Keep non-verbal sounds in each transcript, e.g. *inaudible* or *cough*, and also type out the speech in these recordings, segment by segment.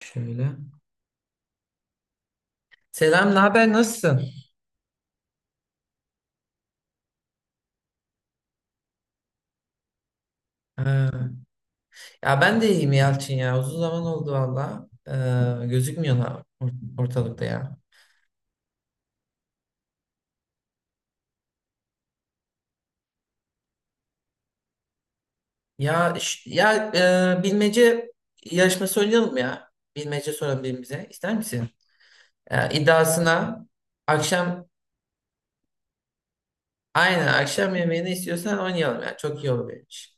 Şöyle. Selam, ne haber? Nasılsın? Ha. Ya ben de iyiyim Yalçın ya. Uzun zaman oldu valla. Gözükmüyorsun ortalıkta ya. Ya bilmece yarışması oynayalım ya. Bilmece soralım birbirimize. İster misin? Ya, iddiasına akşam, aynen, akşam yemeğini istiyorsan oynayalım ya. Çok iyi olur benim için.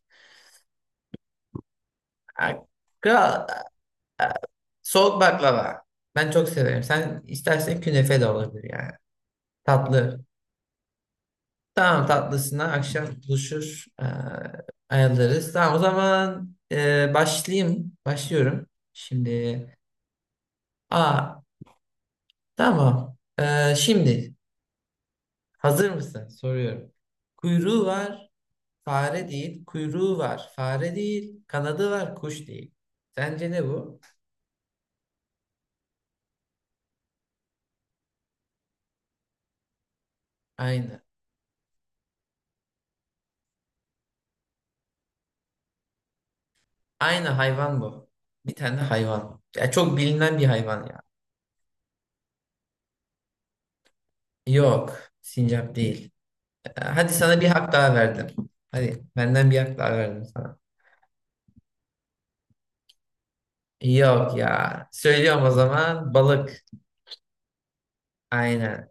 Ha, Kral, e, soğuk baklava. Ben çok severim. Sen istersen künefe de olabilir yani. Tatlı. Tamam, tatlısına akşam buluşur, ayarlarız. Tamam, o zaman başlayayım. Başlıyorum. Şimdi aa tamam. Şimdi hazır mısın? Soruyorum. Kuyruğu var, fare değil. Kuyruğu var, fare değil. Kanadı var, kuş değil. Sence ne bu? Aynı. Aynı hayvan bu. Bir tane hayvan. Ya çok bilinen bir hayvan ya. Yok. Sincap değil. Ya, hadi sana bir hak daha verdim. Hadi, benden bir hak daha verdim sana. Yok ya. Söylüyorum o zaman, balık. Aynen.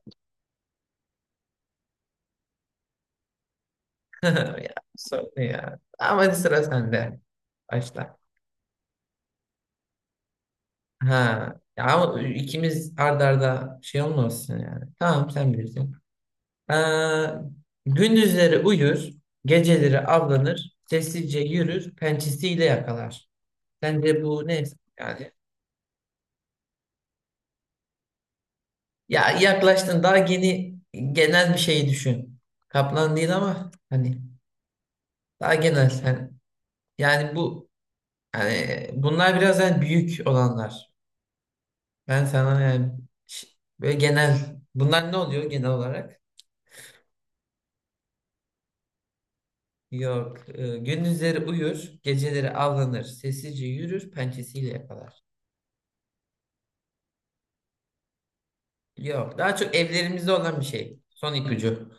*laughs* Ya, sorun ya. Ama hadi, sıra sende. Başla. Ha. Ya ama ikimiz arda arda şey olmasın yani. Tamam, sen bilirsin. Ee, Gündüzleri uyur, geceleri avlanır, sessizce yürür, pençesiyle yakalar. Sence bu ne yani? Ya yaklaştın, daha yeni, genel bir şey düşün. Kaplan değil ama hani, daha genel. Hani, yani bu, yani bunlar biraz, yani büyük olanlar. Ben sana yani, ş- böyle genel, bunlar ne oluyor genel olarak? Yok. Gündüzleri uyur, geceleri avlanır, sessizce yürür, pençesiyle yakalar. Yok. Daha çok evlerimizde olan bir şey. Son ipucu.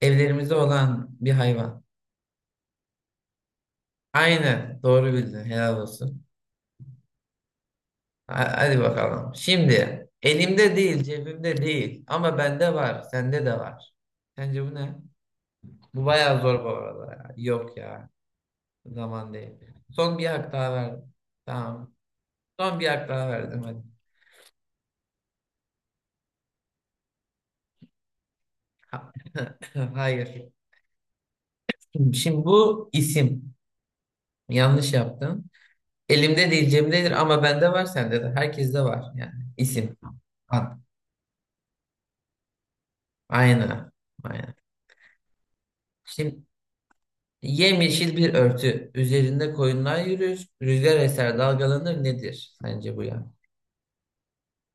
Evlerimizde olan bir hayvan. Aynen. Doğru bildin. Helal olsun. Hadi bakalım. Şimdi, elimde değil, cebimde değil ama bende var, sende de var. Sence bu ne? Bu bayağı zor bu arada ya. Yok ya, zaman değil. Son bir hak daha verdim. Tamam. Son bir hak daha verdim, hadi. Ha- *laughs* Hayır. Şimdi, bu isim. Yanlış yaptın. Elimde değil, cebimdedir ama bende var, sende de. Herkeste var yani. İsim. Ad. Aynen. Aynen. Şimdi, yemyeşil bir örtü. Üzerinde koyunlar yürür. Rüzgar eser, dalgalanır, nedir? Sence bu ya.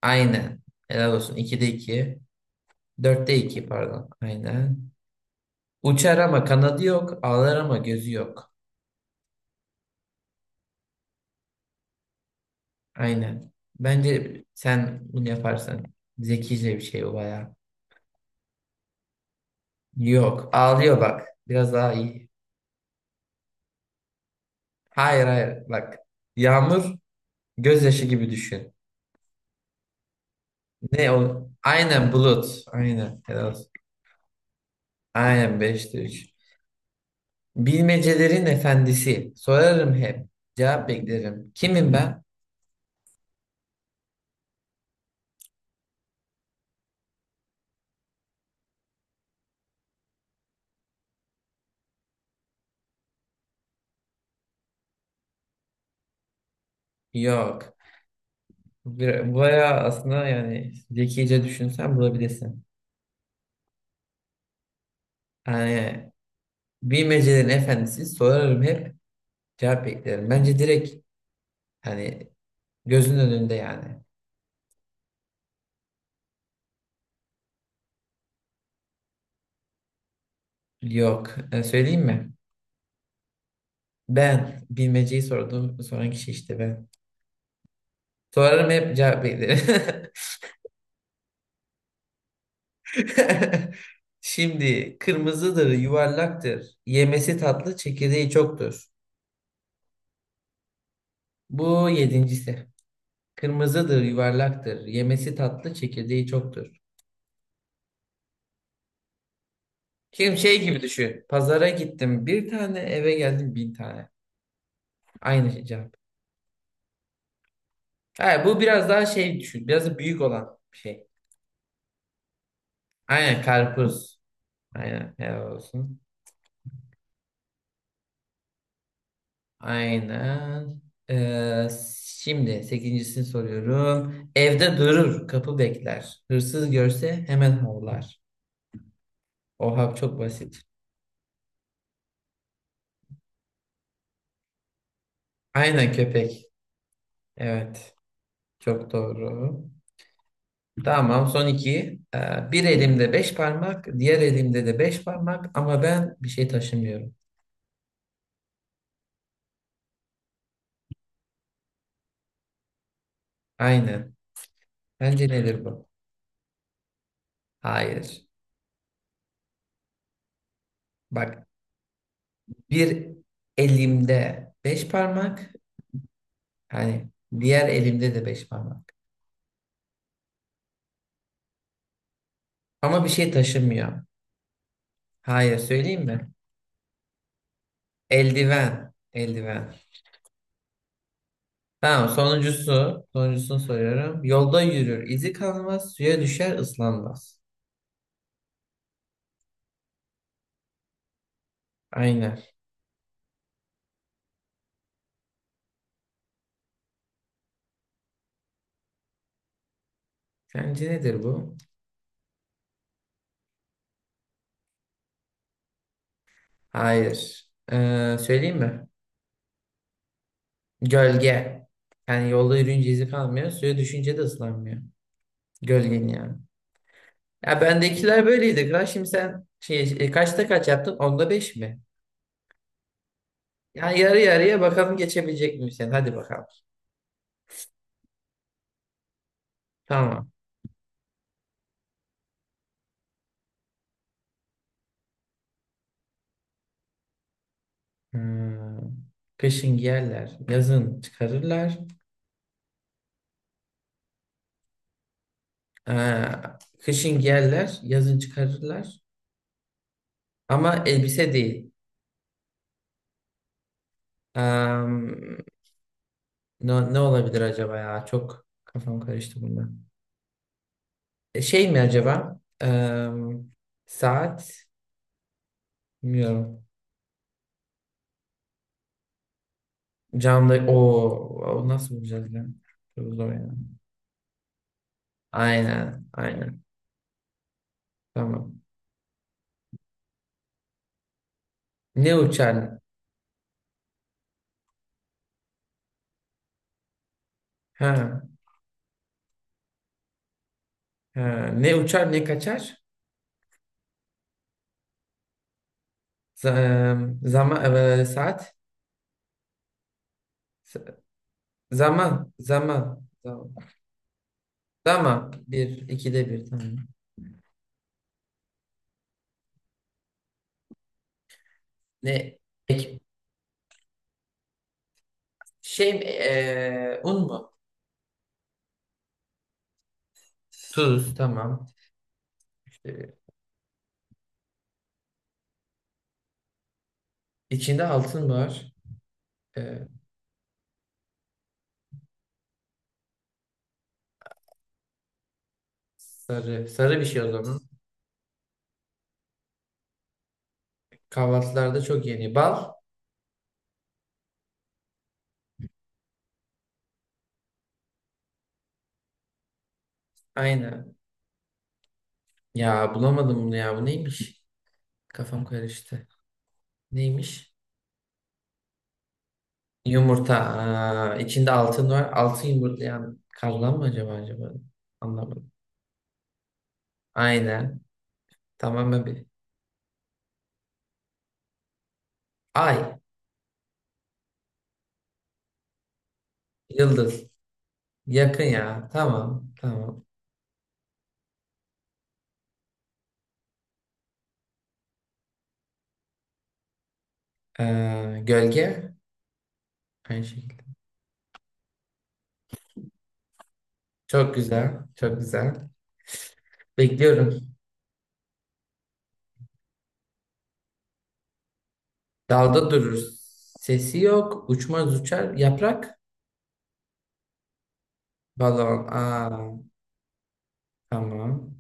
Aynen. Helal olsun. 2'de 2. 4'te iki, pardon. Aynen. Uçar ama kanadı yok. Ağlar ama gözü yok. Aynen. Bence sen bunu yaparsan, zekice bir şey bu baya. Yok. Ağlıyor, bak. Biraz daha iyi. Hayır, hayır. Bak. Yağmur, gözyaşı gibi düşün. Ne o? Aynen, bulut. Aynen. Helal olsun. Aynen, beşte 3. Bilmecelerin efendisi. Sorarım hep. Cevap beklerim. Kimim ben? Yok. Bayağı aslında, yani zekice düşünsen bulabilirsin. Yani, bilmecelerin efendisi. Sorarım hep. Cevap beklerim. Bence direkt, hani, gözünün önünde yani. Yok. Söyleyeyim mi? Ben. Bilmeceyi sorduğum, soran kişi işte ben. Sorarım hep, cevap beklerim. *laughs* Şimdi, kırmızıdır, yuvarlaktır. Yemesi tatlı, çekirdeği çoktur. Bu yedincisi. Kırmızıdır, yuvarlaktır. Yemesi tatlı, çekirdeği çoktur. Kim, şey gibi düşün. Pazara gittim bir tane, eve geldim bin tane. Aynı şey cevap. Ha, bu biraz daha şey düşün. Biraz da büyük olan bir şey. Aynen, karpuz. Aynen, helal olsun. Aynen. Ee, Şimdi sekincisini soruyorum. Evde durur, kapı bekler. Hırsız görse hemen havlar. Oha, çok basit. Aynen, köpek. Evet. Çok doğru. Tamam, son iki. Bir elimde beş parmak, diğer elimde de beş parmak ama ben bir şey taşımıyorum. Aynen. Bence nedir bu? Hayır. Bak, bir elimde beş parmak, hani, diğer elimde de beş parmak. Ama bir şey taşımıyor. Hayır, söyleyeyim mi? Eldiven. Eldiven. Tamam, sonuncusu. Sonuncusunu soruyorum. Yolda yürür, izi kalmaz, suya düşer, ıslanmaz. Aynen. Sence nedir bu? Hayır. Söyleyeyim mi? Gölge. Yani yolda yürüyünce izi kalmıyor. Suya düşünce de ıslanmıyor. Gölgen yani. Ya, bendekiler böyleydi. Kral. Şimdi sen şey, kaçta kaç yaptın? Onda beş mi? Yani yarı yarıya, bakalım geçebilecek miyim sen? Hadi bakalım. Tamam. Hmm. Kışın giyerler. Yazın çıkarırlar. Aa, kışın giyerler. Yazın çıkarırlar. Ama elbise değil. Am, ne olabilir acaba ya? Çok kafam karıştı bunda. Şey mi acaba? Saat, bilmiyorum. Canlı o nasıl bulacağız ya? Çok zor ya. Aynen, aynen. Tamam. Ne uçar? Ha, ha. Ne uçar, ne kaçar? Zaman, saat. Z- Zaman, zaman, zaman. Zaman, bir ikide bir, tamam. Ne ek- şey mi, un mu? Tuz, tamam. İşte, içinde altın var. Eee, Sarı sarı bir şey o zaman. Kahvaltılarda çok yeniyor. Bal? Aynen. Ya bulamadım bunu ya. Bu neymiş? Kafam karıştı. Neymiş? Yumurta. Aa, içinde altın var. Altın yumurtlayan karlan mı acaba, acaba? Anlamadım. Aynen. Tamamen bir. Ay. Yıldız. Yakın ya. Tamam. Tamam. Gölge. Aynı şekilde. Çok güzel. Çok güzel. Bekliyorum. Dalda durur. Sesi yok. Uçmaz, uçar. Yaprak. Balon. Aa, tamam.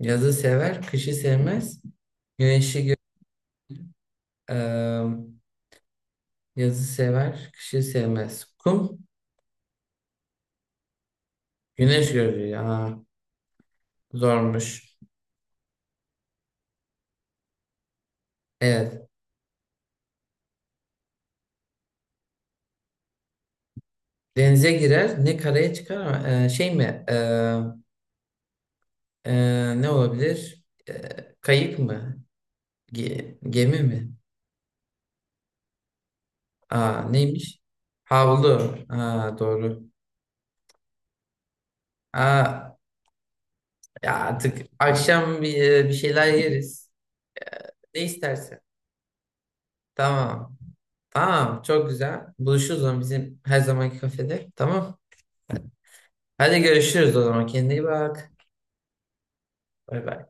Yazı sever, kışı sevmez. Güneşi gö Eee, Yazı sever, kışı sevmez. Kum, güneş görür. Aa, zormuş. Evet. Denize girer, ne karaya çıkar ama şey mi? Ne olabilir? Kayık mı? Gemi mi? Aa, neymiş? Havlu. Aa, doğru. Aa, ya artık akşam bir şeyler yeriz. Ne istersen. Tamam. Tamam, çok güzel. Buluşuruz o zaman, bizim her zamanki kafede. Tamam. Hadi, görüşürüz o zaman. Kendine iyi bak. Bay bay.